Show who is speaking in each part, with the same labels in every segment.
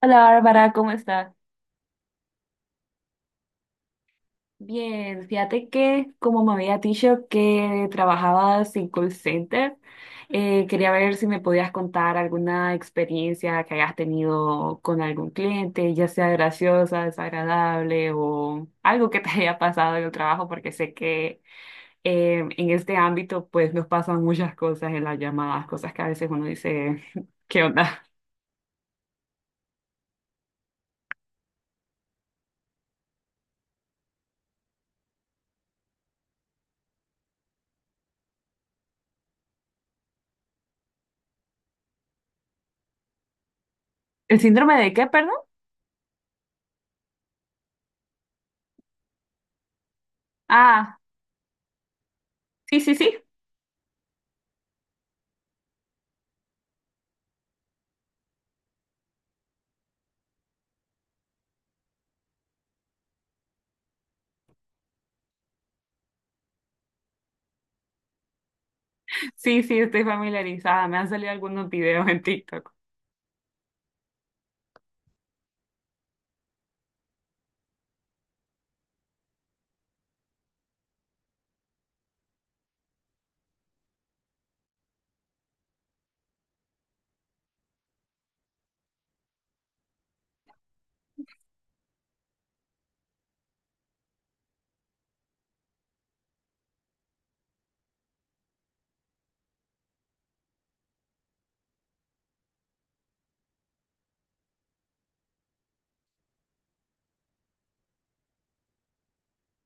Speaker 1: Hola Bárbara, ¿cómo estás? Bien, fíjate que como me había dicho que trabajabas en call center, quería ver si me podías contar alguna experiencia que hayas tenido con algún cliente, ya sea graciosa, desagradable o algo que te haya pasado en el trabajo, porque sé que en este ámbito pues nos pasan muchas cosas en las llamadas, cosas que a veces uno dice, ¿qué onda? ¿El síndrome de qué, perdón? Ah, sí, sí, sí. Sí, sí, estoy familiarizada. Me han salido algunos videos en TikTok.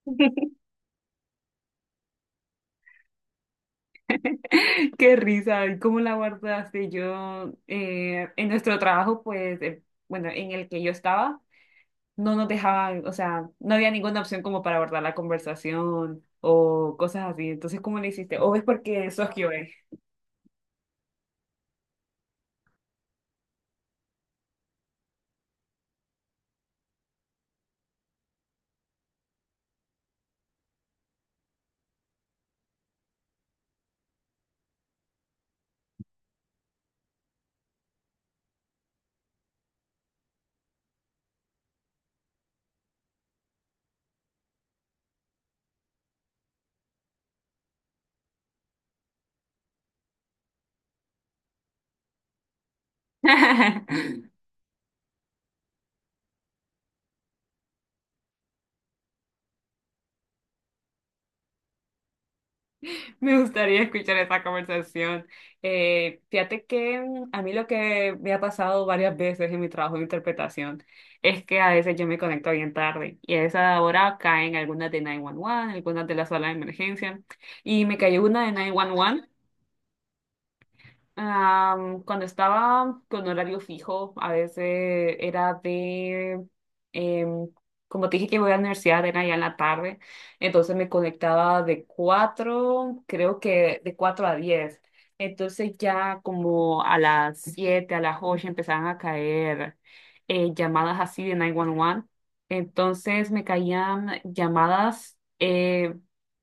Speaker 1: Qué risa, ¿y cómo la guardaste? Yo, en nuestro trabajo, pues, bueno, en el que yo estaba, no nos dejaban, o sea, no había ninguna opción como para guardar la conversación o cosas así. Entonces, ¿cómo le hiciste? ¿O es porque sos QA? Me gustaría escuchar esa conversación. Fíjate que mm, a mí lo que me ha pasado varias veces en mi trabajo de interpretación es que a veces yo me conecto bien tarde y a esa hora caen algunas de 911, algunas de la sala de emergencia y me cayó una de 911. Am, cuando estaba con horario fijo, a veces era de, em, como te dije que voy a la universidad, era ya en la tarde, entonces me conectaba de 4, creo que de 4 a 10. Entonces ya como a las 7 a las 8 empezaban a caer llamadas así de 911. Entonces me caían llamadas,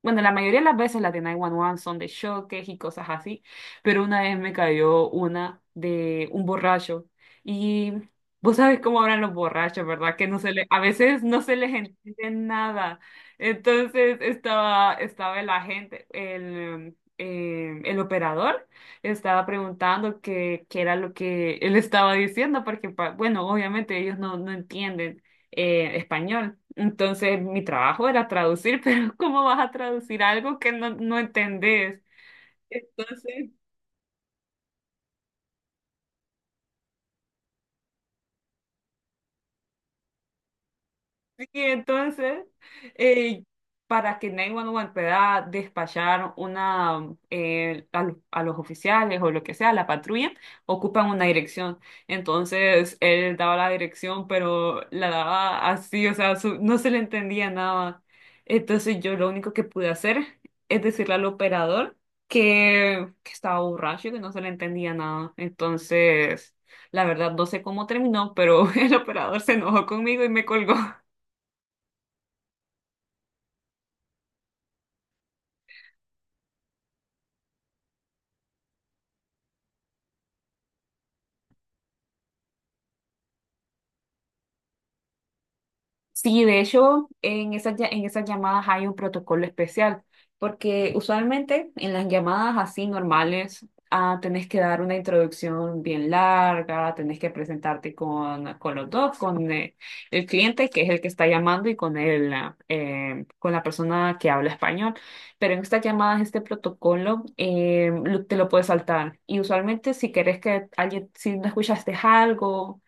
Speaker 1: bueno, la mayoría de las veces las de 911 son de choques y cosas así, pero una vez me cayó una de un borracho y vos sabes cómo hablan los borrachos, ¿verdad? Que no se le, a veces no se les entiende nada. Entonces estaba el agente, el operador, estaba preguntando qué, qué era lo que él estaba diciendo, porque, bueno, obviamente ellos no, no entienden español. Entonces mi trabajo era traducir, pero ¿cómo vas a traducir algo que no, no entendés? Entonces... Y entonces, eh, para que 911 pueda despachar una, a los oficiales o lo que sea, la patrulla, ocupan una dirección. Entonces, él daba la dirección, pero la daba así, o sea, no se le entendía nada. Entonces, yo lo único que pude hacer es decirle al operador que estaba borracho y que no se le entendía nada. Entonces, la verdad, no sé cómo terminó, pero el operador se enojó conmigo y me colgó. Sí, de hecho, en esas, en esas llamadas hay un protocolo especial, porque usualmente en las llamadas así normales, ah, tenés que dar una introducción bien larga, tenés que presentarte con los dos, con el cliente, que es el que está llamando, y con el, con la persona que habla español. Pero en estas llamadas, este protocolo te lo puedes saltar. Y usualmente si querés que alguien, si no escuchaste algo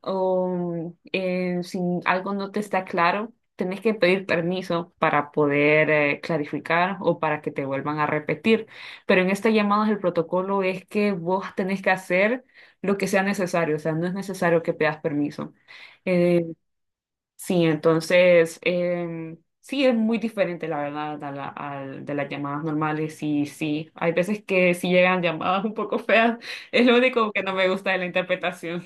Speaker 1: o si algo no te está claro, tenés que pedir permiso para poder clarificar o para que te vuelvan a repetir. Pero en estas llamadas el protocolo es que vos tenés que hacer lo que sea necesario, o sea, no es necesario que pidas permiso. Eh, sí, entonces, sí, es muy diferente, la verdad, de las llamadas normales y sí, hay veces que sí llegan llamadas un poco feas, es lo único que no me gusta de la interpretación.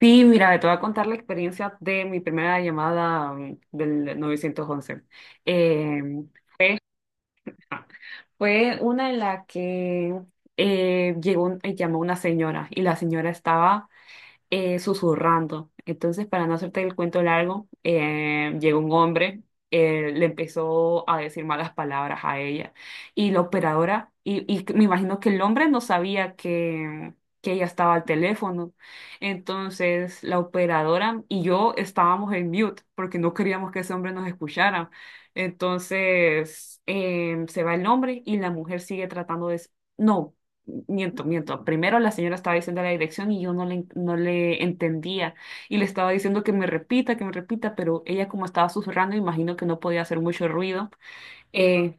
Speaker 1: Sí, mira, te voy a contar la experiencia de mi primera llamada mm, del 911. Eh, fue, ajá, fue una en la que llegó, llamó una señora y la señora estaba susurrando. Entonces, para no hacerte el cuento largo, llegó un hombre, le empezó a decir malas palabras a ella. Y la operadora, y me imagino que el hombre no sabía que ella estaba al teléfono. Entonces, la operadora y yo estábamos en mute porque no queríamos que ese hombre nos escuchara. Entonces, se va el hombre y la mujer sigue tratando de... No. Miento, miento. Primero la señora estaba diciendo la dirección y yo no le, no le entendía y le estaba diciendo que me repita, pero ella como estaba susurrando, imagino que no podía hacer mucho ruido. Eh,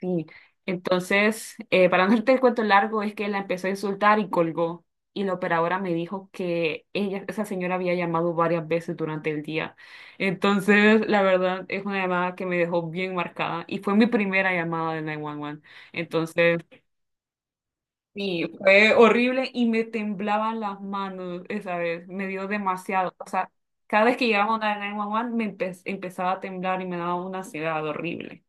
Speaker 1: sí. Entonces, para no hacerte el cuento largo, es que la empezó a insultar y colgó. Y la operadora me dijo que ella, esa señora había llamado varias veces durante el día. Entonces, la verdad, es una llamada que me dejó bien marcada y fue mi primera llamada de 911. Entonces... Sí, fue horrible y me temblaban las manos esa vez, me dio demasiado. O sea, cada vez que llegaba una de 911 me empezaba a temblar y me daba una ansiedad horrible.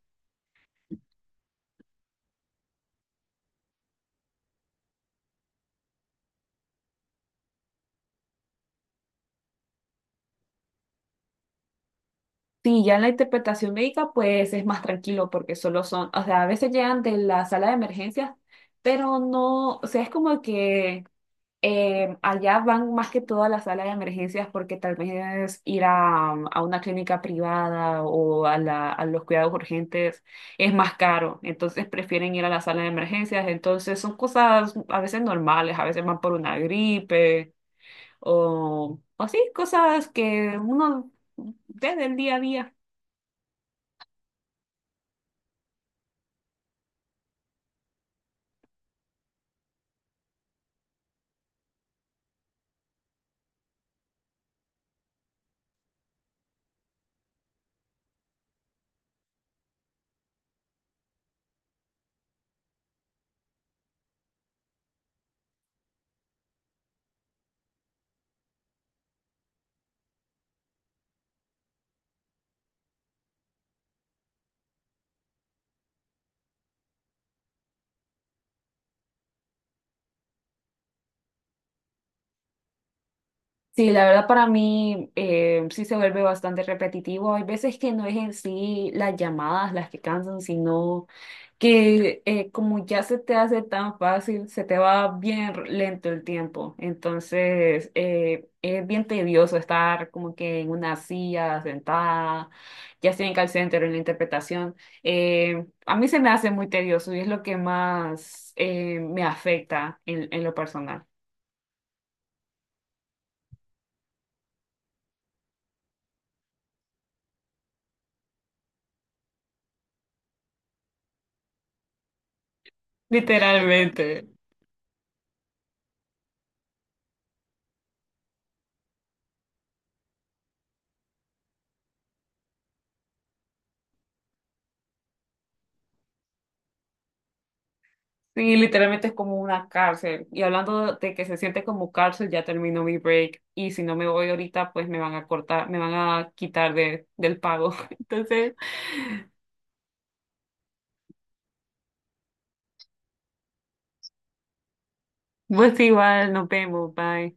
Speaker 1: Sí, ya en la interpretación médica pues es más tranquilo porque solo son, o sea, a veces llegan de la sala de emergencias, pero no, o sea, es como que allá van más que todo a la sala de emergencias porque tal vez ir a una clínica privada o a, a los cuidados urgentes es más caro, entonces prefieren ir a la sala de emergencias, entonces son cosas a veces normales, a veces van por una gripe o sí, cosas que uno ve del día a día. Sí, la verdad para mí sí se vuelve bastante repetitivo. Hay veces que no es en sí las llamadas las que cansan, sino que como ya se te hace tan fácil, se te va bien lento el tiempo. Entonces, es bien tedioso estar como que en una silla sentada, ya sea en call center o en la interpretación. A mí se me hace muy tedioso y es lo que más me afecta en lo personal, literalmente. Sí, literalmente es como una cárcel. Y hablando de que se siente como cárcel, ya terminó mi break. Y si no me voy ahorita, pues me van a cortar, me van a quitar de, del pago. Entonces, pues igual, nos vemos, bye.